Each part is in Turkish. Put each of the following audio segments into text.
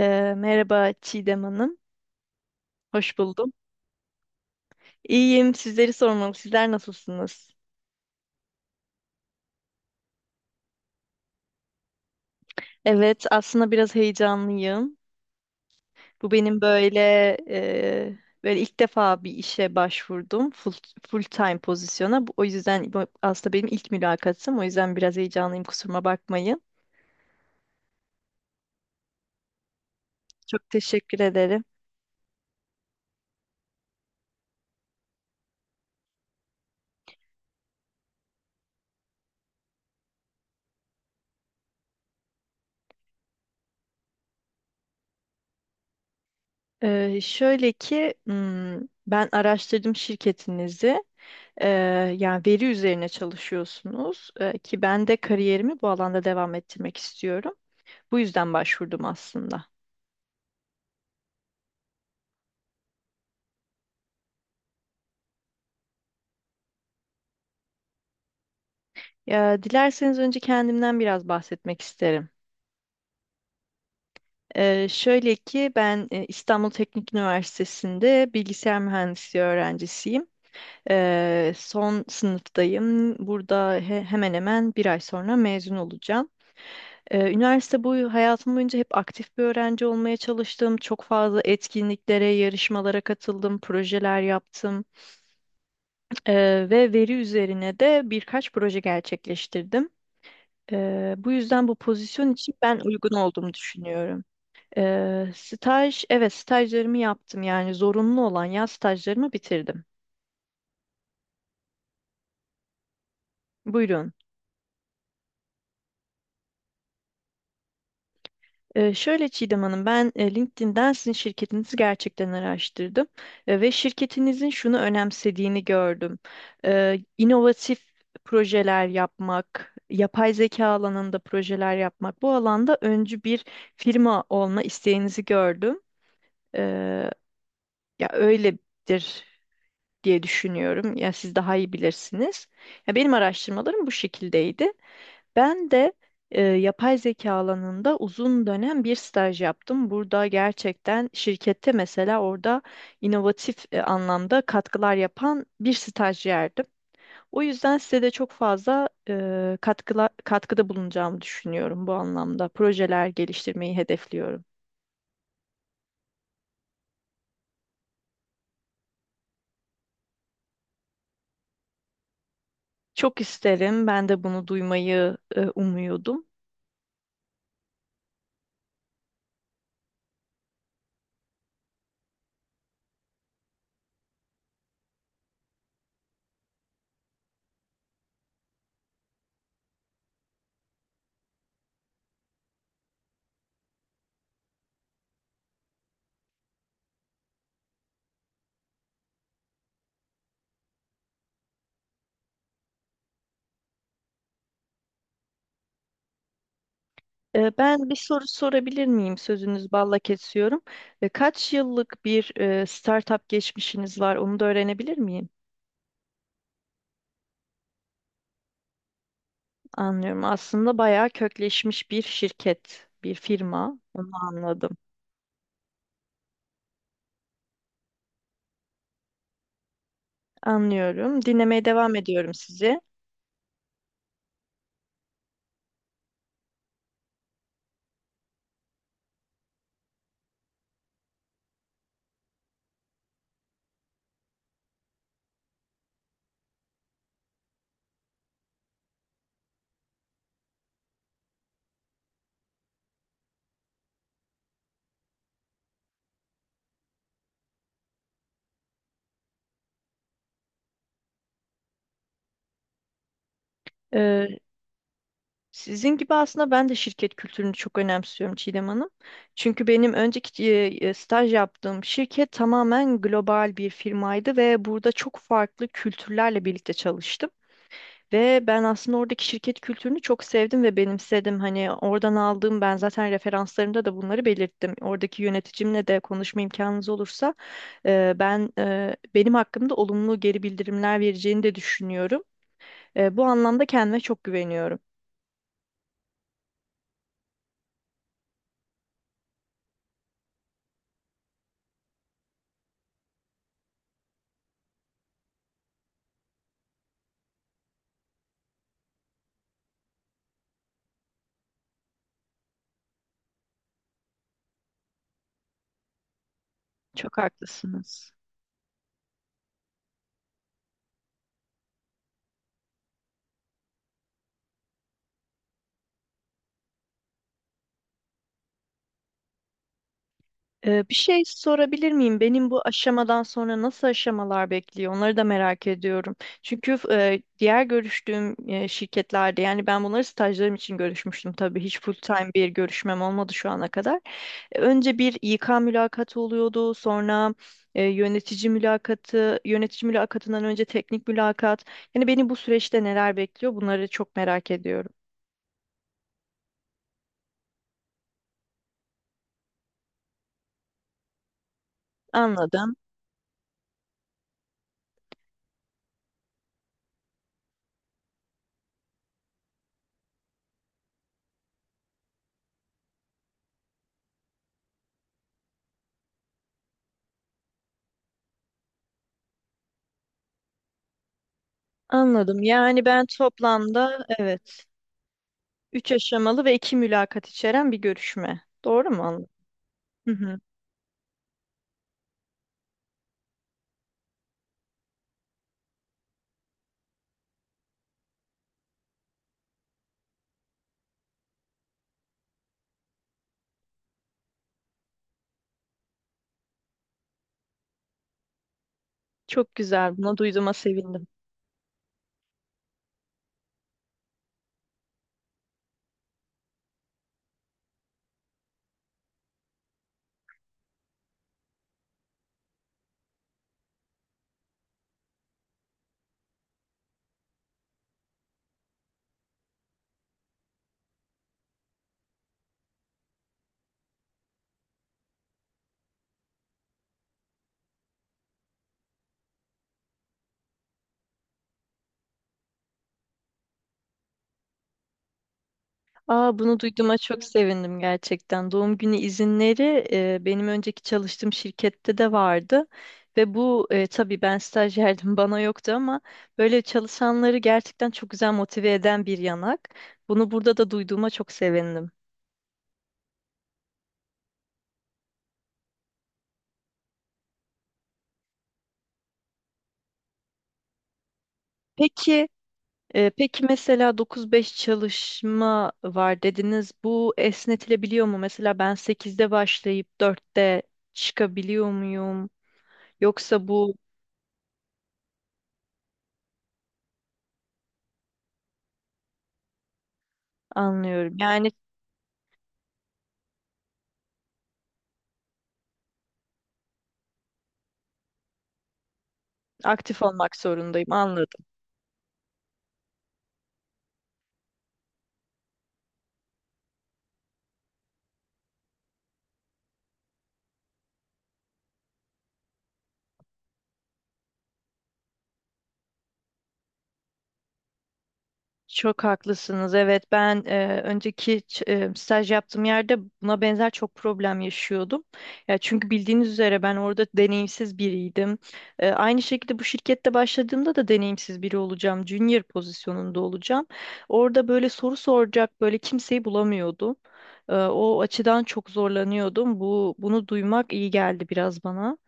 Merhaba Çiğdem Hanım. Hoş buldum. İyiyim. Sizleri sormalı. Sizler nasılsınız? Evet, aslında biraz heyecanlıyım. Bu benim e, böyle ilk defa bir işe başvurdum. Full time pozisyona. O yüzden bu aslında benim ilk mülakatım. O yüzden biraz heyecanlıyım. Kusuruma bakmayın. Çok teşekkür ederim. Şöyle ki ben araştırdım şirketinizi. Ee, Yani veri üzerine çalışıyorsunuz, ki ben de kariyerimi bu alanda devam ettirmek istiyorum. Bu yüzden başvurdum aslında. Ya, dilerseniz önce kendimden biraz bahsetmek isterim. Şöyle ki ben İstanbul Teknik Üniversitesi'nde bilgisayar mühendisliği öğrencisiyim. Son sınıftayım. Burada hemen hemen bir ay sonra mezun olacağım. Üniversite boyu Hayatım boyunca hep aktif bir öğrenci olmaya çalıştım. Çok fazla etkinliklere, yarışmalara katıldım, projeler yaptım. Ee, Ve veri üzerine de birkaç proje gerçekleştirdim. Bu yüzden bu pozisyon için ben uygun olduğumu düşünüyorum. Evet, stajlarımı yaptım, yani zorunlu olan yaz stajlarımı bitirdim. Buyurun. Şöyle Çiğdem Hanım, ben LinkedIn'den sizin şirketinizi gerçekten araştırdım. Ve şirketinizin şunu önemsediğini gördüm. İnovatif projeler yapmak, yapay zeka alanında projeler yapmak, bu alanda öncü bir firma olma isteğinizi gördüm. Ee, Ya öyledir diye düşünüyorum. Ya siz daha iyi bilirsiniz. Ya benim araştırmalarım bu şekildeydi. Ben de yapay zeka alanında uzun dönem bir staj yaptım. Burada gerçekten şirkette mesela orada inovatif anlamda katkılar yapan bir stajyerdim. O yüzden size de çok fazla katkıda bulunacağımı düşünüyorum bu anlamda. Projeler geliştirmeyi hedefliyorum. Çok isterim. Ben de bunu duymayı umuyordum. Ben bir soru sorabilir miyim? Sözünüz balla kesiyorum. Kaç yıllık bir startup geçmişiniz var? Onu da öğrenebilir miyim? Anlıyorum. Aslında bayağı kökleşmiş bir şirket, bir firma. Onu anladım. Anlıyorum. Dinlemeye devam ediyorum sizi. Ee, Sizin gibi aslında ben de şirket kültürünü çok önemsiyorum Çiğdem Hanım. Çünkü benim önceki staj yaptığım şirket tamamen global bir firmaydı ve burada çok farklı kültürlerle birlikte çalıştım. Ve ben aslında oradaki şirket kültürünü çok sevdim ve benimsedim. Hani oradan aldığım ben zaten referanslarımda da bunları belirttim. Oradaki yöneticimle de konuşma imkanınız olursa benim hakkımda olumlu geri bildirimler vereceğini de düşünüyorum. Bu anlamda kendime çok güveniyorum. Çok haklısınız. Bir şey sorabilir miyim? Benim bu aşamadan sonra nasıl aşamalar bekliyor? Onları da merak ediyorum. Çünkü diğer görüştüğüm şirketlerde, yani ben bunları stajlarım için görüşmüştüm tabii. Hiç full time bir görüşmem olmadı şu ana kadar. Önce bir İK mülakatı oluyordu. Sonra yönetici mülakatından önce teknik mülakat. Yani beni bu süreçte neler bekliyor? Bunları çok merak ediyorum. Anladım. Anladım. Yani ben toplamda, evet, üç aşamalı ve iki mülakat içeren bir görüşme. Doğru mu anladım? Hı hı. Çok güzel. Buna duyduğuma sevindim. Aa, bunu duyduğuma çok sevindim gerçekten. Doğum günü izinleri benim önceki çalıştığım şirkette de vardı. Ve bu tabii ben stajyerdim bana yoktu ama böyle çalışanları gerçekten çok güzel motive eden bir yanak. Bunu burada da duyduğuma çok sevindim. Peki, peki, mesela 9-5 çalışma var dediniz. Bu esnetilebiliyor mu? Mesela ben 8'de başlayıp 4'te çıkabiliyor muyum? Yoksa bu... Anlıyorum. Yani... Aktif olmak zorundayım, anladım. Çok haklısınız. Evet, ben önceki staj yaptığım yerde buna benzer çok problem yaşıyordum. Ya çünkü bildiğiniz üzere ben orada deneyimsiz biriydim. Aynı şekilde bu şirkette başladığımda da deneyimsiz biri olacağım, junior pozisyonunda olacağım. Orada böyle soru soracak böyle kimseyi bulamıyordum. O açıdan çok zorlanıyordum. Bunu duymak iyi geldi biraz bana.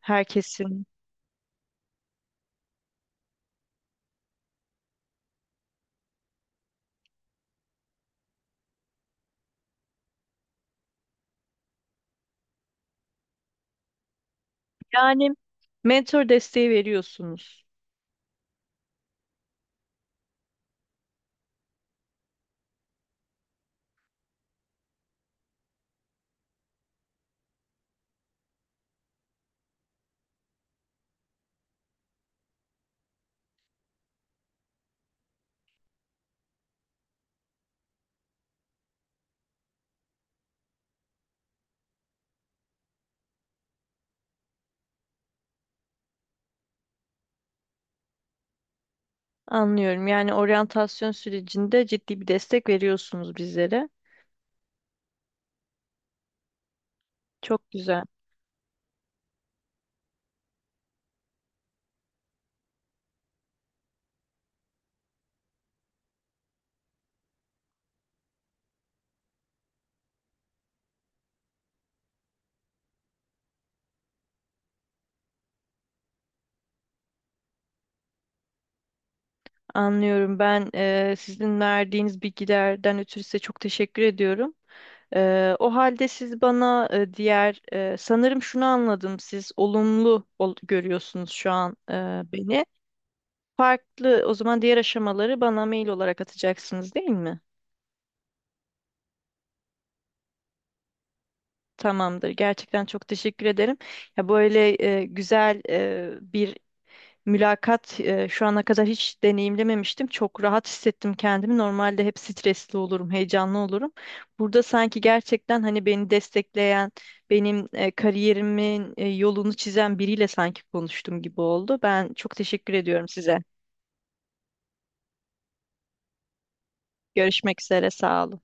Herkesin. Yani mentor desteği veriyorsunuz. Anlıyorum. Yani oryantasyon sürecinde ciddi bir destek veriyorsunuz bizlere. Çok güzel. Anlıyorum. Ben sizin verdiğiniz bilgilerden ötürü size çok teşekkür ediyorum. O halde siz bana diğer sanırım şunu anladım. Siz olumlu görüyorsunuz şu an beni. Farklı o zaman, diğer aşamaları bana mail olarak atacaksınız değil mi? Tamamdır. Gerçekten çok teşekkür ederim. Ya böyle güzel bir mülakat şu ana kadar hiç deneyimlememiştim. Çok rahat hissettim kendimi. Normalde hep stresli olurum, heyecanlı olurum. Burada sanki gerçekten hani beni destekleyen, benim kariyerimin yolunu çizen biriyle sanki konuştum gibi oldu. Ben çok teşekkür ediyorum size. Görüşmek üzere, sağ olun.